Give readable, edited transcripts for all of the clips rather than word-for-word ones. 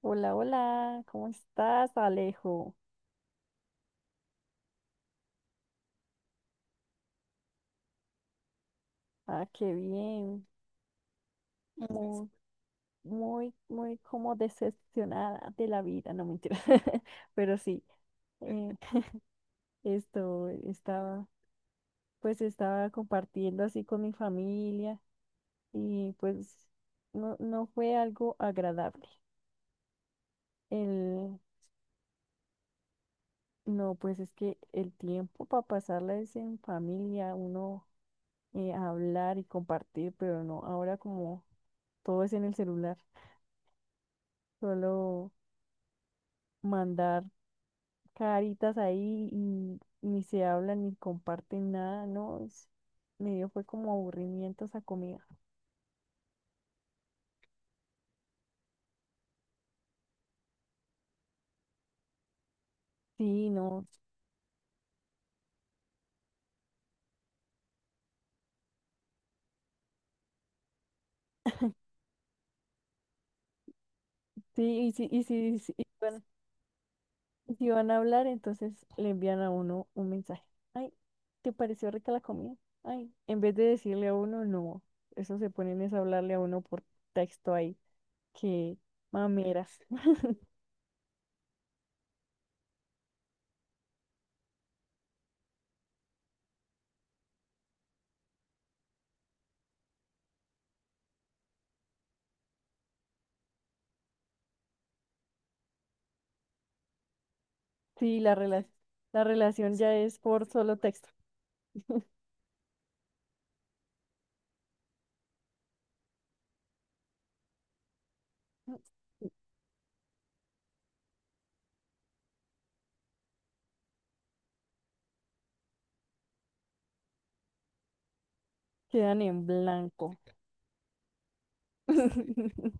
Hola, hola, ¿cómo estás, Alejo? Ah, qué bien. Muy, muy, muy como decepcionada de la vida, no mentira. Pero sí, eh, esto estaba, pues estaba compartiendo así con mi familia y pues no, no fue algo agradable. El, no, pues es que el tiempo para pasarla es en familia, uno hablar y compartir, pero no, ahora como todo es en el celular. Solo mandar caritas ahí y ni se hablan ni comparten nada, ¿no? Me dio fue como aburrimiento esa comida. Sí, no. Sí, y si van a hablar, entonces le envían a uno un mensaje. Ay, ¿te pareció rica la comida? Ay, en vez de decirle a uno, no. Eso se ponen es a hablarle a uno por texto ahí. Que mameras. Sí, la relación ya es por solo texto. Quedan en blanco.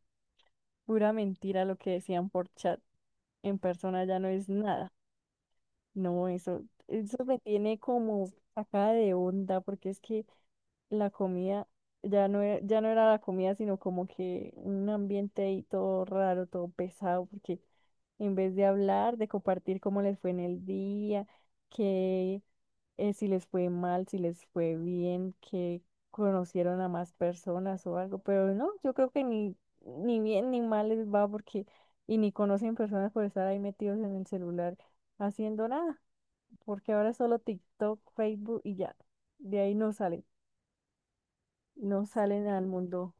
Pura mentira lo que decían por chat. En persona ya no es nada. No, eso me tiene como sacada de onda porque es que la comida ya no era la comida, sino como que un ambiente ahí todo raro, todo pesado, porque en vez de hablar, de compartir cómo les fue en el día, que si les fue mal, si les fue bien, que conocieron a más personas o algo, pero no, yo creo que ni bien ni mal les va porque y ni conocen personas por estar ahí metidos en el celular haciendo nada, porque ahora es solo TikTok, Facebook y ya, de ahí no salen al mundo.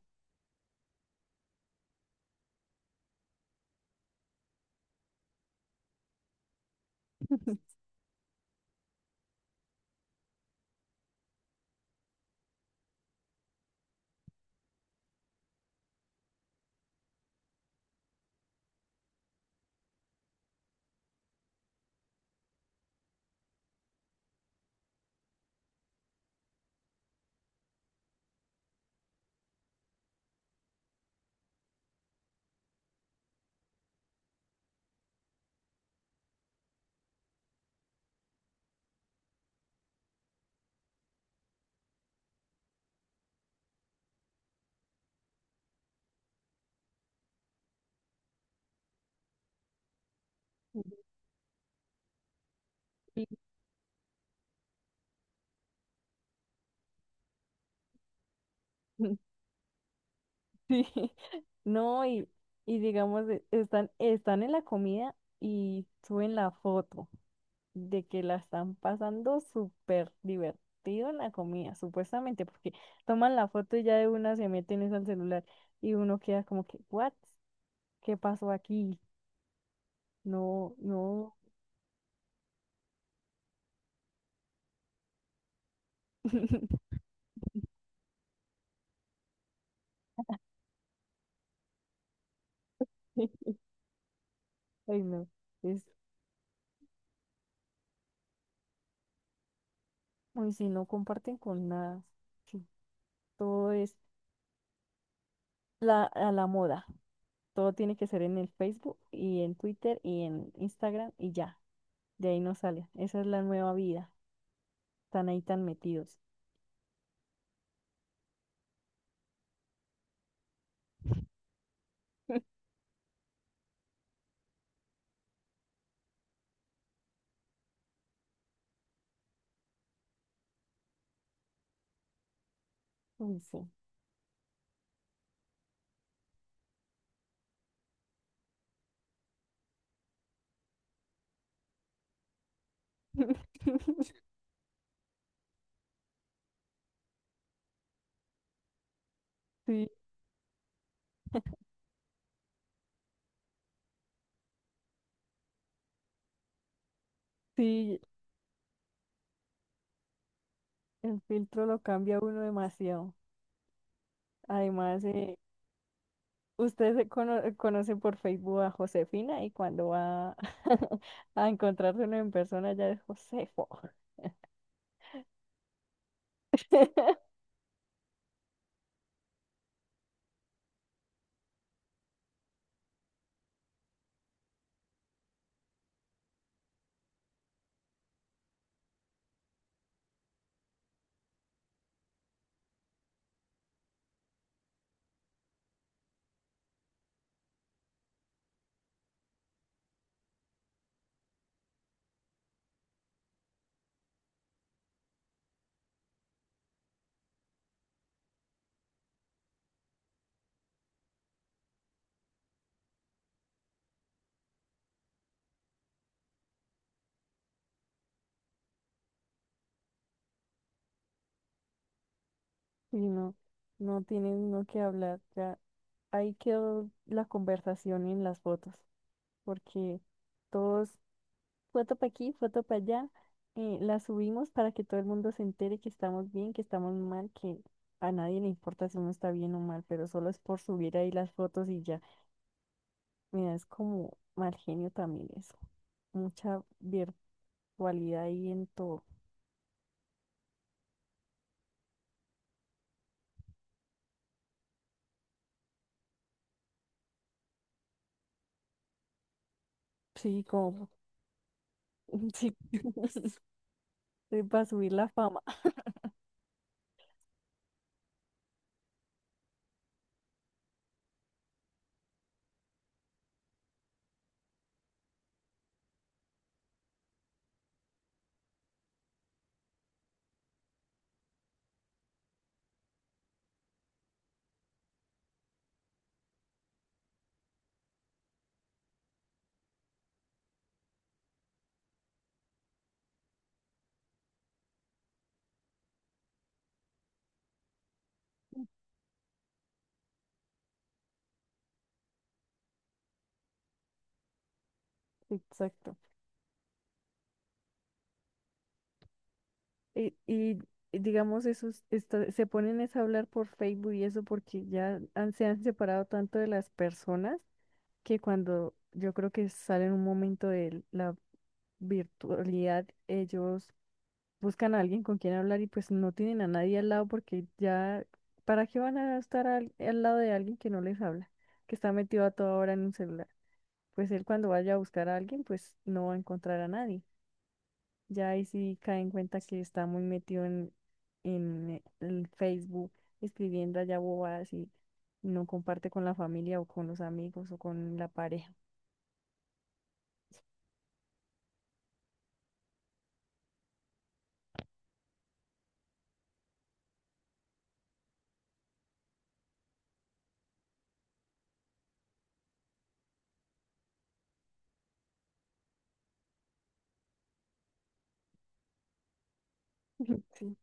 Y- sí. No, y digamos, están en la comida y suben la foto de que la están pasando súper divertido en la comida, supuestamente, porque toman la foto y ya de una se meten es al celular y uno queda como que, ¿what? ¿Qué pasó aquí? No, no. Ay, no. Es, uy, si no comparten con nada, sí, todo es a la moda. Todo tiene que ser en el Facebook y en Twitter y en Instagram y ya. De ahí no sale. Esa es la nueva vida. Están ahí tan metidos. Uy, sí. Sí, sí, el filtro lo cambia uno demasiado. Además, usted se conoce por Facebook a Josefina y cuando va a encontrarse uno en persona ya es Josefo. Y no, no tiene uno que hablar. Ya ahí quedó la conversación en las fotos. Porque todos, foto para aquí, foto para allá, la subimos para que todo el mundo se entere que estamos bien, que estamos mal, que a nadie le importa si uno está bien o mal, pero solo es por subir ahí las fotos y ya. Mira, es como mal genio también eso, mucha virtualidad ahí en todo. Sí, como, sí, para subir la fama. Exacto. Y, digamos, esos se ponen es a hablar por Facebook y eso porque se han separado tanto de las personas que cuando yo creo que salen un momento de la virtualidad, ellos buscan a alguien con quien hablar y pues no tienen a nadie al lado porque ya, ¿para qué van a estar al lado de alguien que no les habla, que está metido a toda hora en un celular? Pues él cuando vaya a buscar a alguien, pues no va a encontrar a nadie. Ya ahí sí cae en cuenta que está muy metido en el Facebook, escribiendo allá bobadas y no comparte con la familia o con los amigos o con la pareja. Sí.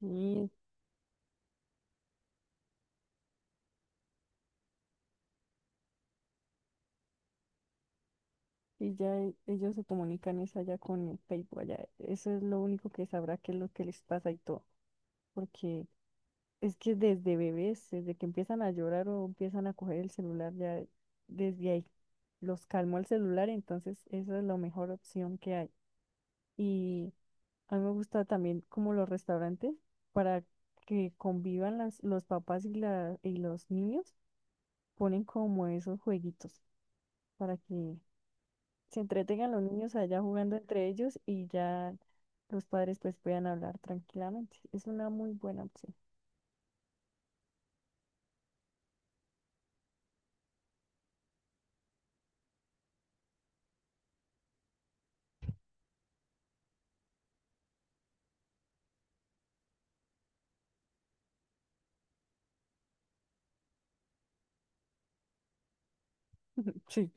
Y, y ya ellos se comunican es allá con el Facebook, allá. Eso es lo único que sabrá qué es lo que les pasa y todo. Porque es que desde bebés, desde que empiezan a llorar o empiezan a coger el celular, ya desde ahí los calmó el celular, entonces esa es la mejor opción que hay. Y a mí me gusta también como los restaurantes para que convivan los papás y los niños, ponen como esos jueguitos para que se entretengan los niños allá jugando entre ellos y ya los padres pues puedan hablar tranquilamente. Es una muy buena opción. Sí.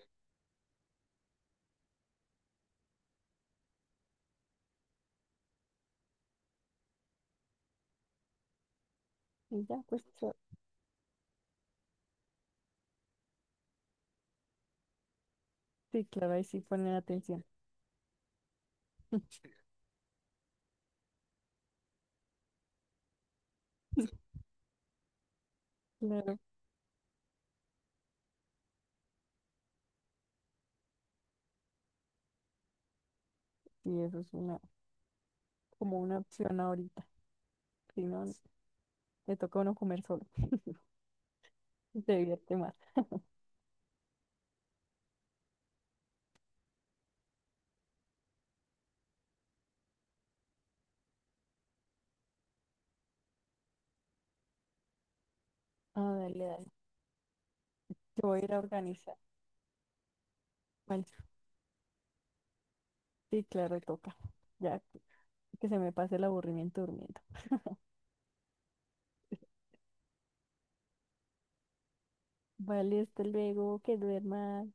Y ya pues so- sí, claro, ahí sí ponen atención. Claro, y eso es una como una opción ahorita. Si no, le toca a uno comer solo. Se divierte más. Ah, dale, dale. Yo voy a ir a organizar. Vale, sí, claro, toca. Ya que se me pase el aburrimiento durmiendo. Vale, hasta luego, que duermas.